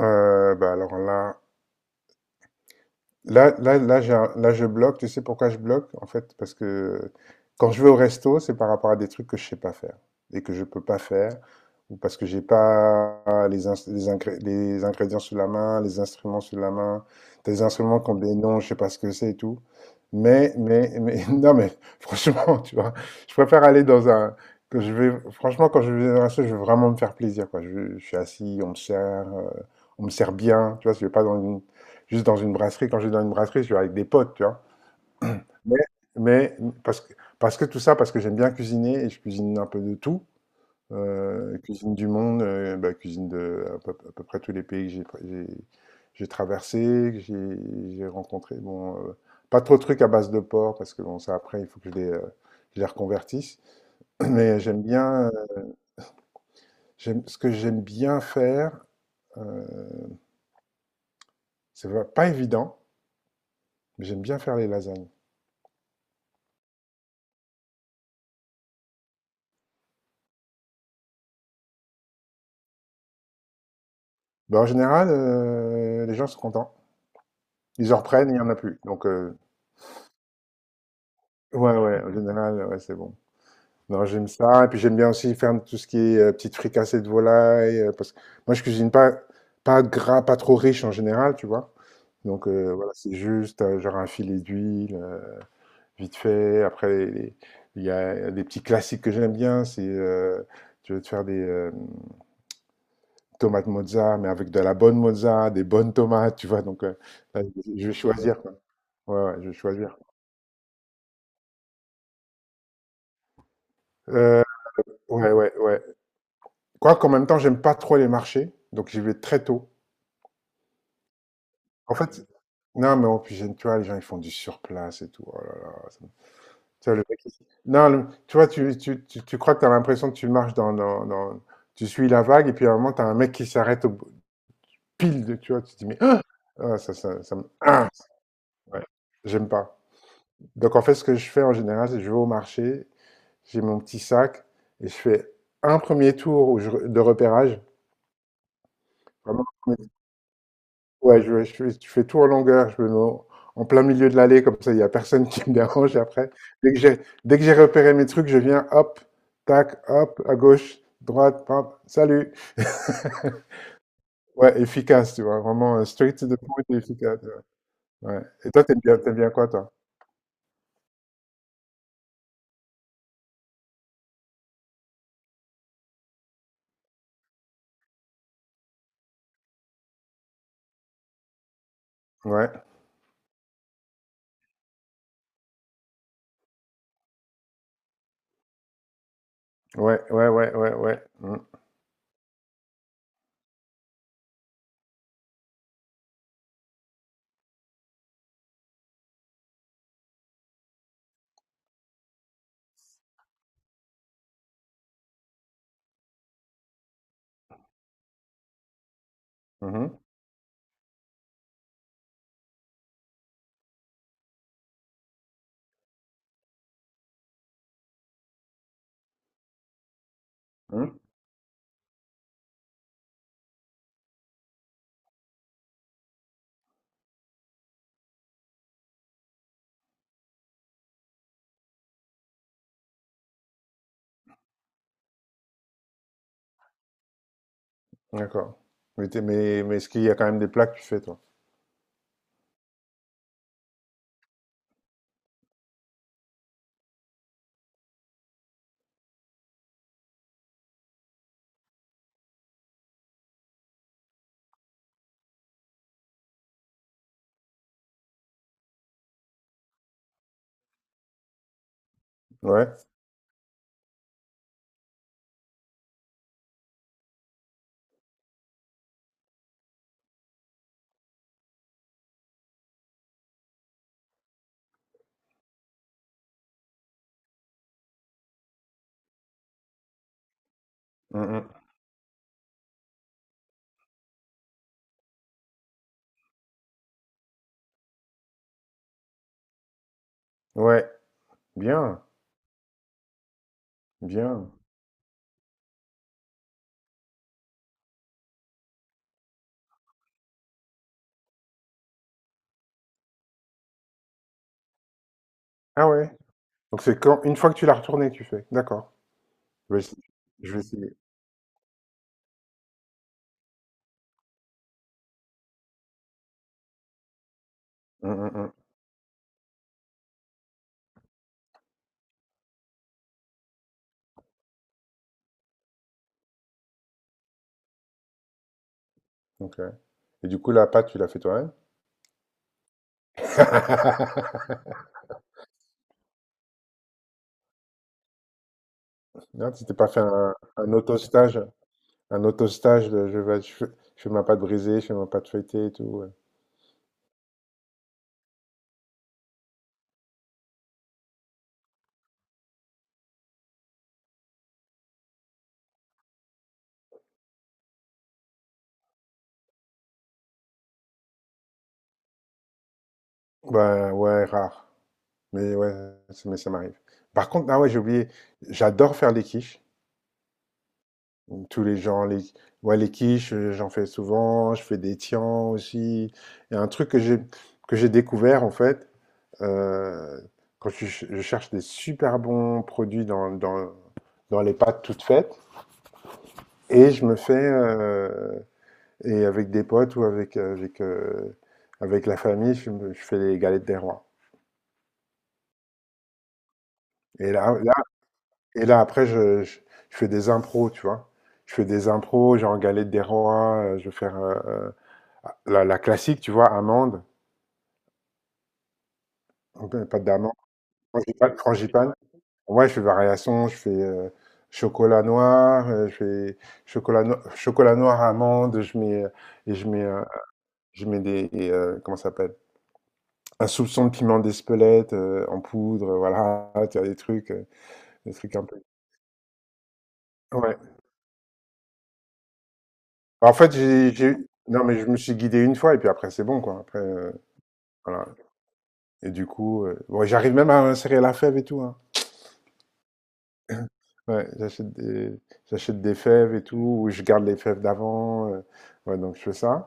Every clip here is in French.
Alors là, j'ai là, je bloque. Tu sais pourquoi je bloque? En fait, parce que quand je vais au resto, c'est par rapport à des trucs que je sais pas faire et que je peux pas faire, ou parce que j'ai pas les ingrédients sous la main, les instruments sous la main, des instruments qui ont des noms, je sais pas ce que c'est et tout. Mais, non, mais franchement, tu vois, je préfère aller dans que je vais, franchement, quand je vais dans un resto, je veux vraiment me faire plaisir, quoi. Je suis assis, euh, on me sert bien, tu vois, je vais pas dans une juste dans une brasserie, quand je vais dans une brasserie, je suis avec des potes, tu vois. Mais, mais parce que, parce que tout ça, parce que j'aime bien cuisiner et je cuisine un peu de tout. Cuisine du monde, bah, cuisine de à peu près tous les pays que j'ai traversé, que j'ai rencontré. Bon, pas trop de trucs à base de porc parce que bon, ça après il faut que je je les reconvertisse. Mais j'aime bien, j'aime ce que j'aime bien faire. euh, c'est pas évident, mais j'aime bien faire les lasagnes. Bah, en général, les gens sont contents. Ils en reprennent, il y en a plus. Donc, ouais, ouais, en général, ouais, c'est bon. Non, j'aime ça et puis j'aime bien aussi faire tout ce qui est, petites fricassées de volaille, parce que moi, je cuisine pas gras, pas trop riche en général, tu vois? Donc, voilà, c'est juste, genre un filet d'huile, vite fait. Après, les il y a des petits classiques que j'aime bien, c'est, tu veux te faire des tomates mozza, mais avec de la bonne mozza, des bonnes tomates, tu vois? Donc, là, je vais choisir, quoi. Ouais, ouais, je vais choisir. Heu, ouais, ouais, ouais. Quoique, en même temps, j'aime pas trop les marchés, donc j'y vais très tôt. En fait, non, mais en plus, tu vois, les gens, ils font du surplace et tout. Oh là là, tu vois, le mec, il- non, le- tu vois, tu crois que tu as l'impression que tu marches tu suis la vague, et puis à un moment, tu as un mec qui s'arrête pile de. Tu vois, tu te dis, mais. Ah, ça, ça, ça me. Ah, ouais, j'aime pas. Donc, en fait, ce que je fais en général, c'est que je vais au marché, j'ai mon petit sac, et je fais un premier tour où de repérage, vraiment. Ouais, je fais tout en longueur, je me mets en en plein milieu de l'allée, comme ça, il y a personne qui me dérange après. Dès que j'ai repéré mes trucs, je viens, hop, tac, hop, à gauche, droite, hop, salut. Ouais, efficace, tu vois, vraiment straight to the point et efficace. Ouais. Ouais. Et toi, t'aimes bien quoi, toi? Ouais, ouais, ouais, ouais, ouais, ouais. Mhm, mhm, mhm. D'accord. Mais, mais est-ce qu'il y a quand même des plats que tu fais, toi? Ouais. Mmh mh. Ouais, bien, bien. Ah ouais? Donc c'est quand une fois que tu l'as retournée, tu fais? D'accord. Je vais ess je vais essayer. Mmh, mmh, mmh. OK, et du coup, la pâte, tu l'as fait toi-même? Non, tu t'es pas fait un auto-stage? Un auto-stage de je vais je fais ma pâte brisée, je fais ma pâte feuilletée et tout, ouais. Bah, ouais, rare. Mais ouais, mais ça m'arrive. Par contre, ah ouais, j'ai oublié, j'adore faire les quiches. Donc, tous les gens les, ouais, les quiches, j'en fais souvent, je fais des tiens aussi. Il y a un truc que j'ai découvert en fait, euh, quand je, je cherche des super bons produits dans les pâtes toutes faites, et je me fais, et avec des potes ou avec, avec la famille, je fais les galettes des rois. Et là après, je fais des impros, tu vois. Je fais des impros, genre galette des rois, je vais faire. La, la classique, tu vois, amande, donc, pâte d'amande, frangipane. Ouais, je fais variation, je fais chocolat noir, je fais chocolat, no- chocolat noir, amande, et je mets, euh, je mets comment ça s'appelle? Un soupçon de piment d'Espelette en poudre, voilà, tu as des trucs un peu. Ouais. En fait, non, mais je me suis guidé une fois, et puis après, c'est bon, quoi. Après, voilà. Et du coup, ouais, j'arrive même à insérer la fève et tout, hein. Ouais, j'achète des fèves et tout, ou je garde les fèves d'avant. Ouais, donc je fais ça.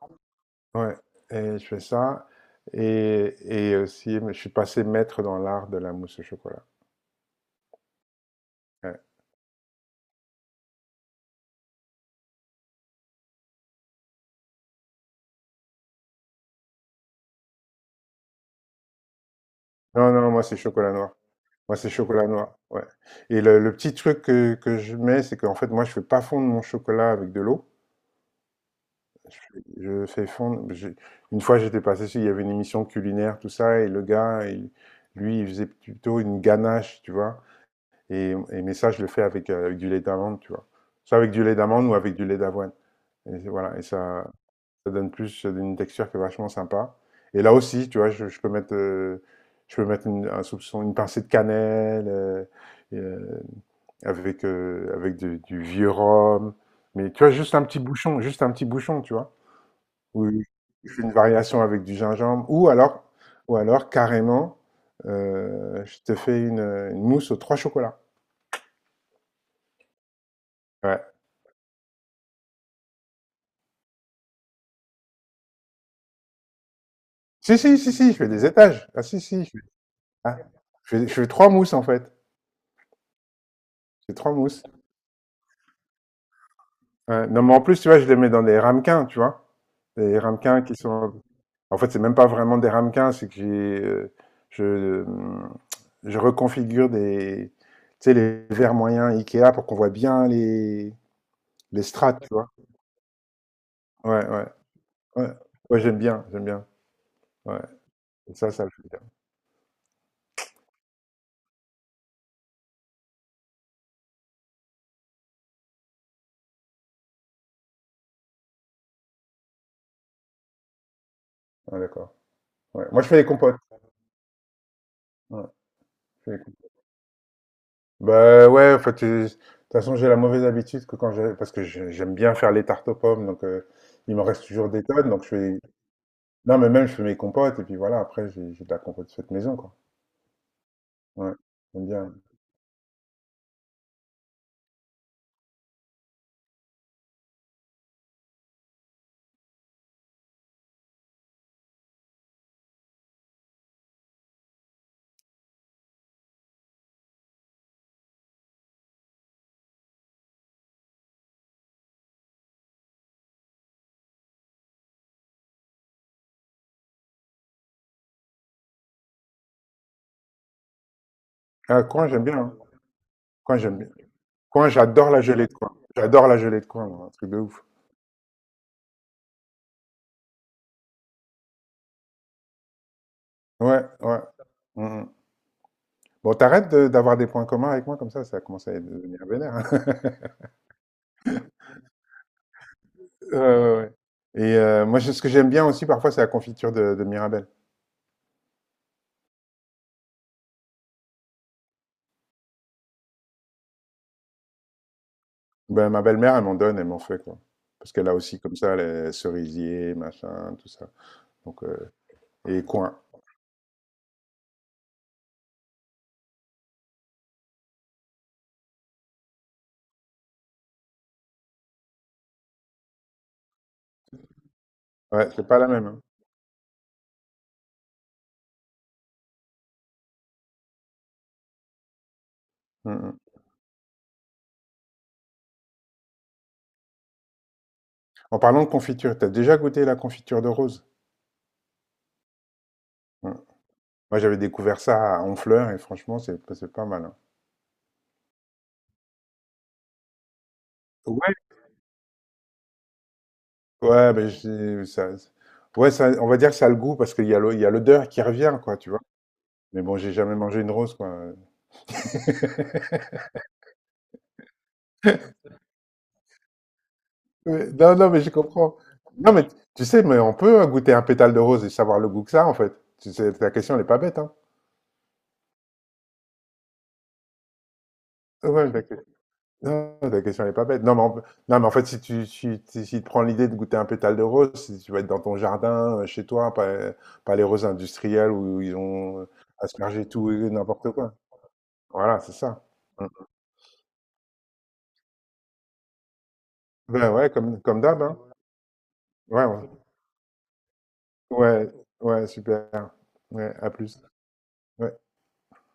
Ouais, et je fais ça. Et aussi, je suis passé maître dans l'art de la mousse au chocolat. Ouais. Non, non, moi c'est chocolat noir. Moi c'est chocolat noir. Ouais. Et le petit truc que je mets, c'est qu'en fait, moi je fais pas fondre mon chocolat avec de l'eau. Je fais fondre. Je- Une fois, j'étais passé sur, il y avait une émission culinaire, tout ça, et lui, il faisait plutôt une ganache, tu vois. Mais ça, je le fais avec, avec du lait d'amande, tu vois. Soit avec du lait d'amande ou avec du lait d'avoine. Et voilà, et ça donne plus une texture qui est vachement sympa. Et là aussi, tu vois, je peux mettre un soupçon, une pincée de cannelle, euh, avec, avec du vieux rhum. Mais tu vois, juste un petit bouchon, tu vois. Oui, je fais une variation avec du gingembre ou alors carrément, je te fais une mousse aux 3 chocolats. Ouais. Si, je fais des étages. Ah si, si, je fais ah, je fais 3 mousses en fait, je fais 3 mousses. Ouais, non mais en plus, tu vois, je les mets dans des ramequins, tu vois? Des ramequins qui sont en fait, c'est même pas vraiment des ramequins, c'est que je, mmh, je reconfigure des tu sais, les verres moyens IKEA pour qu'on voit bien les strates, tu vois? Ouais, ouais. Ouais. Ouais, j'aime bien, j'aime bien. Ouais. Et ça le fait bien. Ouais, d'accord. Ouais. Moi, je fais les compotes. Ouais, je fais les compotes. Bah ouais, en fait, de toute façon, j'ai la mauvaise habitude que quand j'ai... Parce que j'aime bien faire les tartes aux pommes, donc il me reste toujours des tonnes. Donc je fais... Non, mais même, je fais mes compotes, et puis voilà, après, j'ai de la compote faite maison, quoi. Ouais, j'aime bien. Ah, coin, j'aime bien, hein. Coin, j'aime bien. Coin, j'adore la gelée de coin. J'adore la gelée de coin, moi, un truc de ouf. Ouais, ouais. Mhm. Bon, d'avoir des points communs avec moi comme ça commence à devenir vénère, hein. Ouais, ouais, ouais, ouais. Et moi, ce que j'aime bien aussi parfois, c'est la confiture de Mirabelle. Ben, ma belle-mère, elle m'en donne, elle m'en fait, quoi. Parce qu'elle a aussi comme ça les cerisiers, machin, tout ça. Donc, et coin. Ouais, c'est pas la même, hein. Mm, mm. En parlant de confiture, t'as déjà goûté la confiture de rose? Ouais. Moi, j'avais découvert ça à Honfleur et franchement, c'est pas mal, hein. Ouais, ouais, ben, ouais, ça, on va dire que ça a le goût parce qu'il y a il y a l'odeur qui revient, quoi, tu vois. Mais bon, j'ai jamais mangé une rose, quoi. Ouais, non, non, mais je comprends. Non, mais tu sais, mais on peut hein, goûter un pétale de rose et savoir le goût que ça, en fait. Tu sais, ta question n'est pas bête, hein. Ouais, la que- non, ta question n'est pas bête. Non, mais en fait, si tu si tu prends l'idée de goûter un pétale de rose, si tu vas être dans ton jardin, chez toi, pas les roses industrielles où ils ont aspergé tout et n'importe quoi. Voilà, c'est ça. Mm. Ben ouais, comme, comme d'hab, hein. Ouais, ouais, ouais, ouais, super. Ouais, à plus. Ouais.